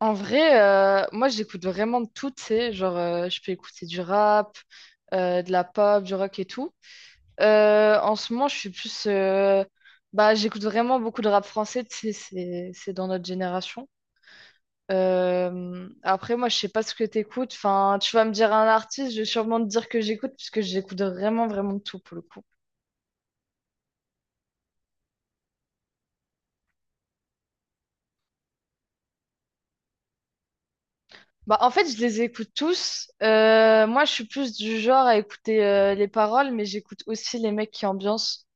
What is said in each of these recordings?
En vrai, moi j'écoute vraiment de tout, tu sais, genre je peux écouter du rap, de la pop, du rock et tout. En ce moment, je suis plus, bah j'écoute vraiment beaucoup de rap français, tu sais, c'est dans notre génération. Après, moi je sais pas ce que t'écoutes. Enfin, tu vas me dire un artiste, je vais sûrement te dire que j'écoute puisque j'écoute vraiment vraiment de tout pour le coup. Bah en fait, je les écoute tous. Moi, je suis plus du genre à écouter les paroles, mais j'écoute aussi les mecs qui ambiancent.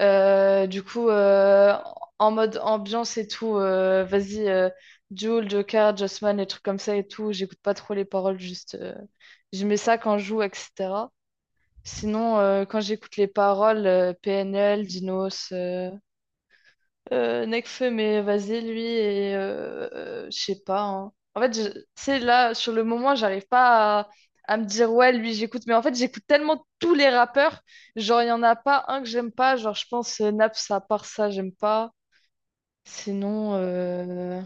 Du coup, en mode ambiance et tout, vas-y, Jul, Joker, Jossman, les trucs comme ça et tout, j'écoute pas trop les paroles, juste je mets ça quand je joue, etc. Sinon, quand j'écoute les paroles, PNL, Dinos, Nekfeu, mais vas-y, lui, et je sais pas, hein. En fait, tu sais, là, sur le moment, j'arrive pas à me dire, ouais, lui, j'écoute. Mais en fait, j'écoute tellement tous les rappeurs. Genre, il y en a pas un que j'aime pas. Genre, je pense Naps, à part ça, j'aime pas. Sinon,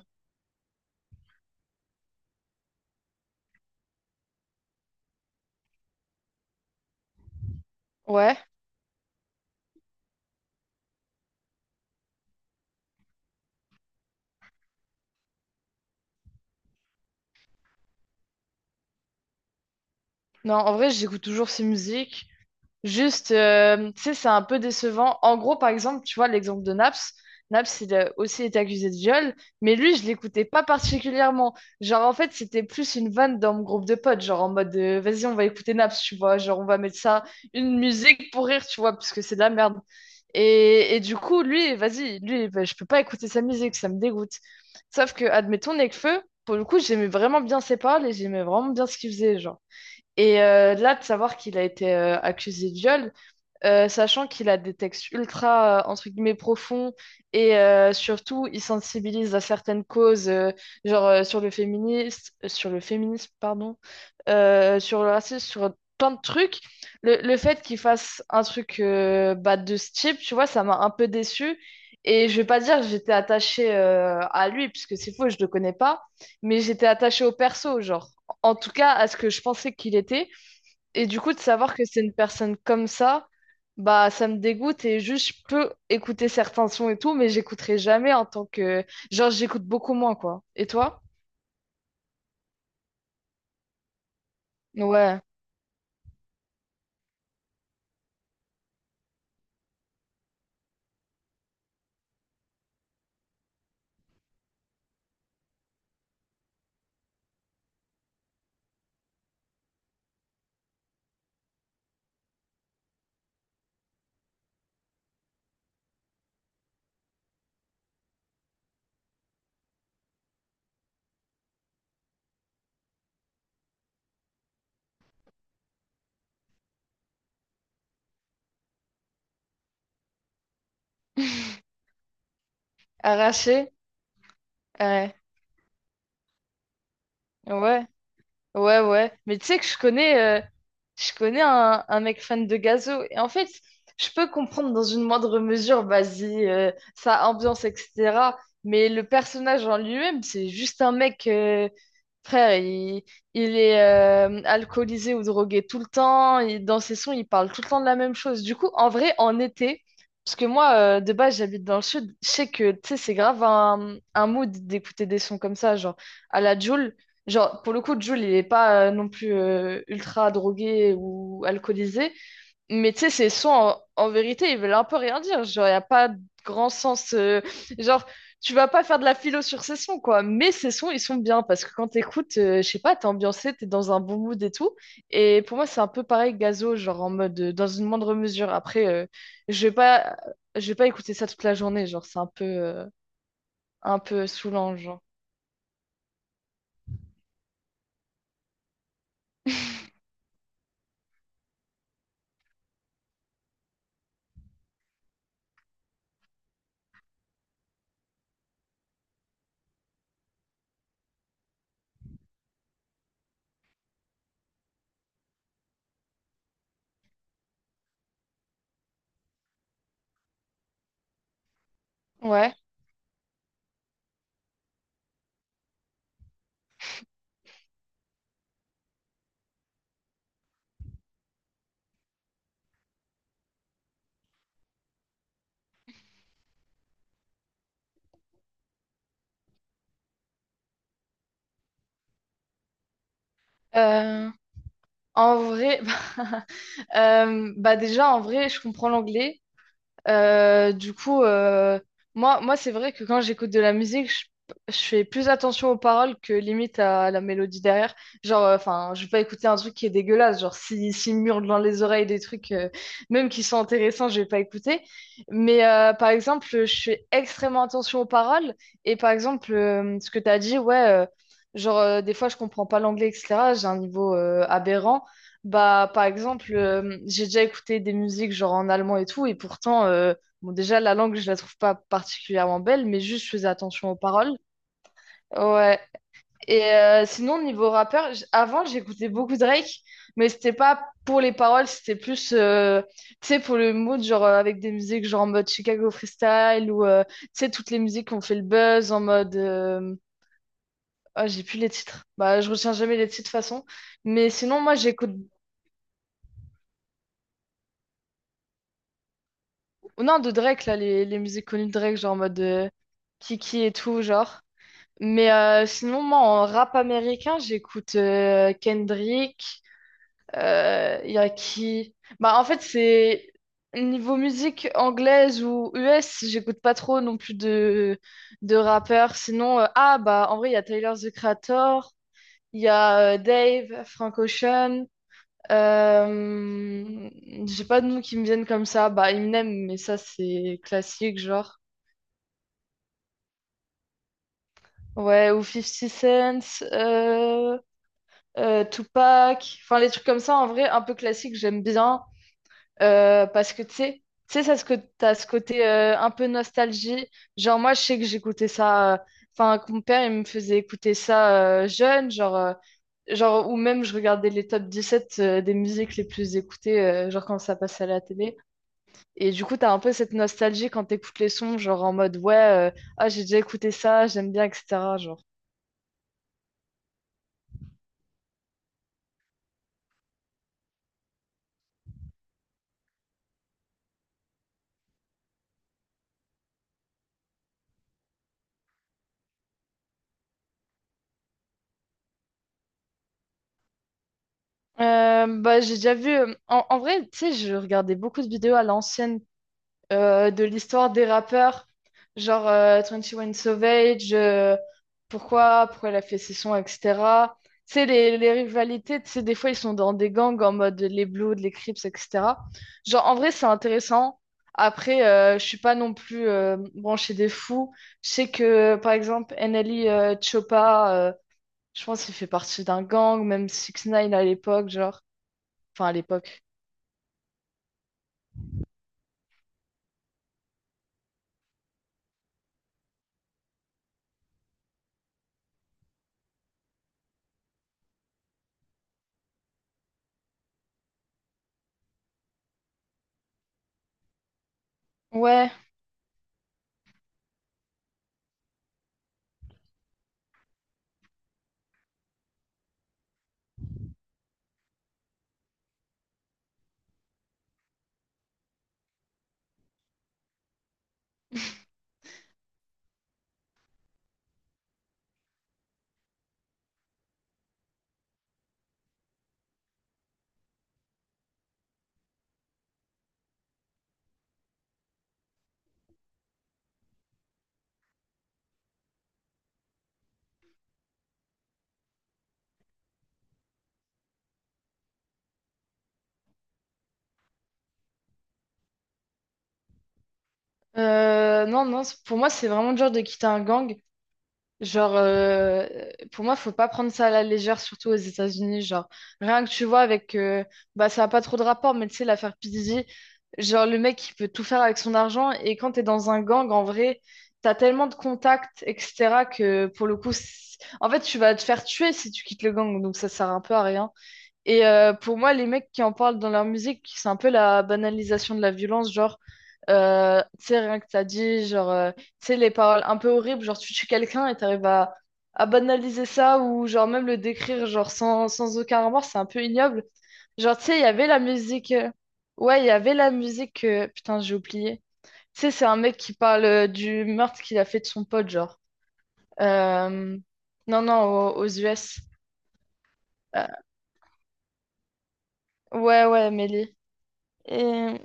ouais. Non, en vrai, j'écoute toujours ses musiques. Juste, tu sais, c'est un peu décevant. En gros, par exemple, tu vois, l'exemple de Naps. Naps, il a aussi été accusé de viol, mais lui, je l'écoutais pas particulièrement. Genre, en fait, c'était plus une vanne dans mon groupe de potes, genre en mode, vas-y, on va écouter Naps, tu vois, genre, on va mettre ça, une musique pour rire, tu vois, parce que c'est de la merde. Et du coup, lui, vas-y, lui, bah, je peux pas écouter sa musique, ça me dégoûte. Sauf que, admettons, Nekfeu, pour le coup, j'aimais vraiment bien ses paroles et j'aimais vraiment bien ce qu'il faisait, genre. Et là, de savoir qu'il a été accusé de viol, sachant qu'il a des textes ultra, entre guillemets, profonds, et surtout, il sensibilise à certaines causes, genre sur le féminisme, pardon, sur le racisme, sur plein de trucs. Le fait qu'il fasse un truc bah, de ce type, tu vois, ça m'a un peu déçue. Et je vais pas dire que j'étais attachée à lui, puisque c'est faux, je le connais pas, mais j'étais attachée au perso, genre, en tout cas, à ce que je pensais qu'il était. Et du coup, de savoir que c'est une personne comme ça, bah ça me dégoûte et juste je peux écouter certains sons et tout, mais j'écouterai jamais en tant que... Genre, j'écoute beaucoup moins, quoi. Et toi? Ouais. Arraché? Ouais. Ouais. Ouais, ouais. Mais tu sais que je connais un mec fan de Gazo. Et en fait, je peux comprendre dans une moindre mesure, vas-y, sa ambiance, etc. Mais le personnage en lui-même, c'est juste un mec, frère, il est alcoolisé ou drogué tout le temps. Et dans ses sons, il parle tout le temps de la même chose. Du coup, en vrai, en été, parce que moi, de base, j'habite dans le sud, je sais que, tu sais, c'est grave un mood d'écouter des sons comme ça, genre à la Jul. Genre, pour le coup, Jules, il est pas non plus ultra drogué ou alcoolisé, mais tu sais, ses sons, en vérité, ils veulent un peu rien dire. Genre, il n'y a pas de grand sens. Genre, tu vas pas faire de la philo sur ses sons, quoi. Mais ses sons, ils sont bien parce que quand t'écoutes, je sais pas, t'es ambiancé, t'es dans un bon mood et tout. Et pour moi, c'est un peu pareil que Gazo, genre en mode, dans une moindre mesure. Après, je vais pas, je vais pas écouter ça toute la journée, genre, c'est un peu saoulant, genre. Ouais. Euh, en vrai. Bah déjà, en vrai, je comprends l'anglais. Du coup, moi c'est vrai que quand j'écoute de la musique, je fais plus attention aux paroles que limite à la mélodie derrière. Genre, enfin, je vais pas écouter un truc qui est dégueulasse. Genre, si, s'il me hurle dans les oreilles des trucs, même qui sont intéressants, je vais pas écouter. Mais par exemple, je fais extrêmement attention aux paroles. Et par exemple, ce que tu as dit, ouais, genre, des fois, je comprends pas l'anglais, etc. J'ai un niveau aberrant. Bah, par exemple, j'ai déjà écouté des musiques genre en allemand et tout, et pourtant, bon, déjà, la langue, je la trouve pas particulièrement belle, mais juste, je faisais attention aux paroles. Ouais. Et sinon, niveau rappeur, avant, j'écoutais beaucoup Drake, mais c'était pas pour les paroles, c'était plus, tu sais, pour le mood, genre avec des musiques genre en mode Chicago Freestyle ou, tu sais, toutes les musiques qui ont fait le buzz en mode. Ah, j'ai plus les titres. Bah, je retiens jamais les titres de toute façon. Mais sinon, moi, j'écoute. Ou non, de Drake, là, les musiques connues de Drake, genre en mode Kiki et tout, genre. Mais sinon, moi, en rap américain, j'écoute Kendrick, y a qui... Bah, en fait, c'est... Niveau musique anglaise ou US, j'écoute pas trop non plus de rappeurs. Sinon, ah, bah, en vrai, il y a Tyler, The Creator, il y a Dave, Frank Ocean, euh, j'ai pas de noms qui me viennent comme ça. Bah, Eminem, mais ça, c'est classique, genre. Ouais, ou Fifty Cent, euh, Tupac. Enfin, les trucs comme ça, en vrai, un peu classique, j'aime bien. Parce que, tu sais, ça, ce que t'as ce côté un peu nostalgie. Genre, moi, je sais que j'écoutais ça. Enfin, que mon père, il me faisait écouter ça jeune, genre. Genre, ou même je regardais les top 17 des musiques les plus écoutées, genre quand ça passait à la télé. Et du coup, t'as un peu cette nostalgie quand t'écoutes les sons, genre en mode ouais, ah, j'ai déjà écouté ça, j'aime bien, etc. Genre. Bah, j'ai déjà vu. En vrai, tu sais, je regardais beaucoup de vidéos à l'ancienne de l'histoire des rappeurs, genre twenty One Savage, pourquoi elle a fait ses sons, etc. Tu sais, les rivalités, tu sais, des fois, ils sont dans des gangs en mode les Bloods, les Crips, etc. Genre, en vrai, c'est intéressant. Après, je suis pas non plus branchée des fous. Je sais que, par exemple, NLE Choppa, je pense qu'il fait partie d'un gang, même Six Nine à l'époque, genre. Enfin, à l'époque. Ouais. Non, non, pour moi, c'est vraiment dur de quitter un gang. Genre, pour moi, faut pas prendre ça à la légère, surtout aux États-Unis. Genre, rien que tu vois avec, bah, ça a pas trop de rapport, mais tu sais, l'affaire P. Diddy, genre, le mec, il peut tout faire avec son argent. Et quand t'es dans un gang, en vrai, t'as tellement de contacts, etc., que pour le coup, en fait, tu vas te faire tuer si tu quittes le gang. Donc, ça sert un peu à rien. Et pour moi, les mecs qui en parlent dans leur musique, c'est un peu la banalisation de la violence, genre, tu sais, rien que t'as dit, genre, tu sais, les paroles un peu horribles, genre, tu tues quelqu'un et t'arrives à banaliser ça, ou genre, même le décrire, genre, sans aucun remords, c'est un peu ignoble. Genre, tu sais, il y avait la musique, ouais, il y avait la musique, putain, j'ai oublié. Tu sais, c'est un mec qui parle du meurtre qu'il a fait de son pote, genre. Euh, Non, non, aux US. Euh, ouais, ouais, Mélie. Et...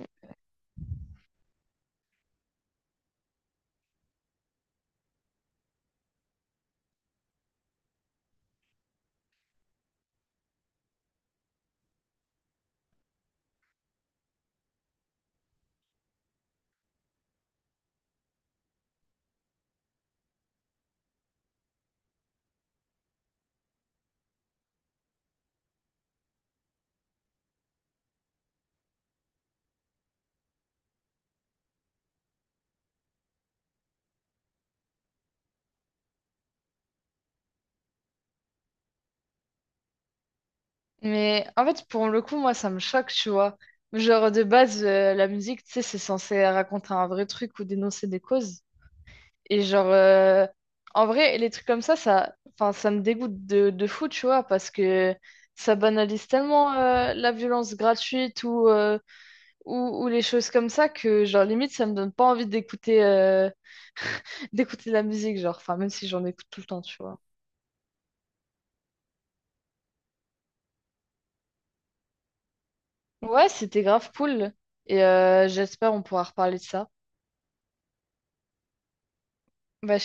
Mais en fait, pour le coup, moi, ça me choque, tu vois. Genre, de base, la musique, tu sais, c'est censé raconter un vrai truc ou dénoncer des causes. Et genre, en vrai, les trucs comme ça, enfin, ça me dégoûte de fou, tu vois, parce que ça banalise tellement la violence gratuite ou les choses comme ça que, genre, limite, ça me donne pas envie d'écouter d'écouter de la musique, genre, enfin, même si j'en écoute tout le temps, tu vois. Ouais, c'était grave cool. Et j'espère on pourra reparler de ça. Bah,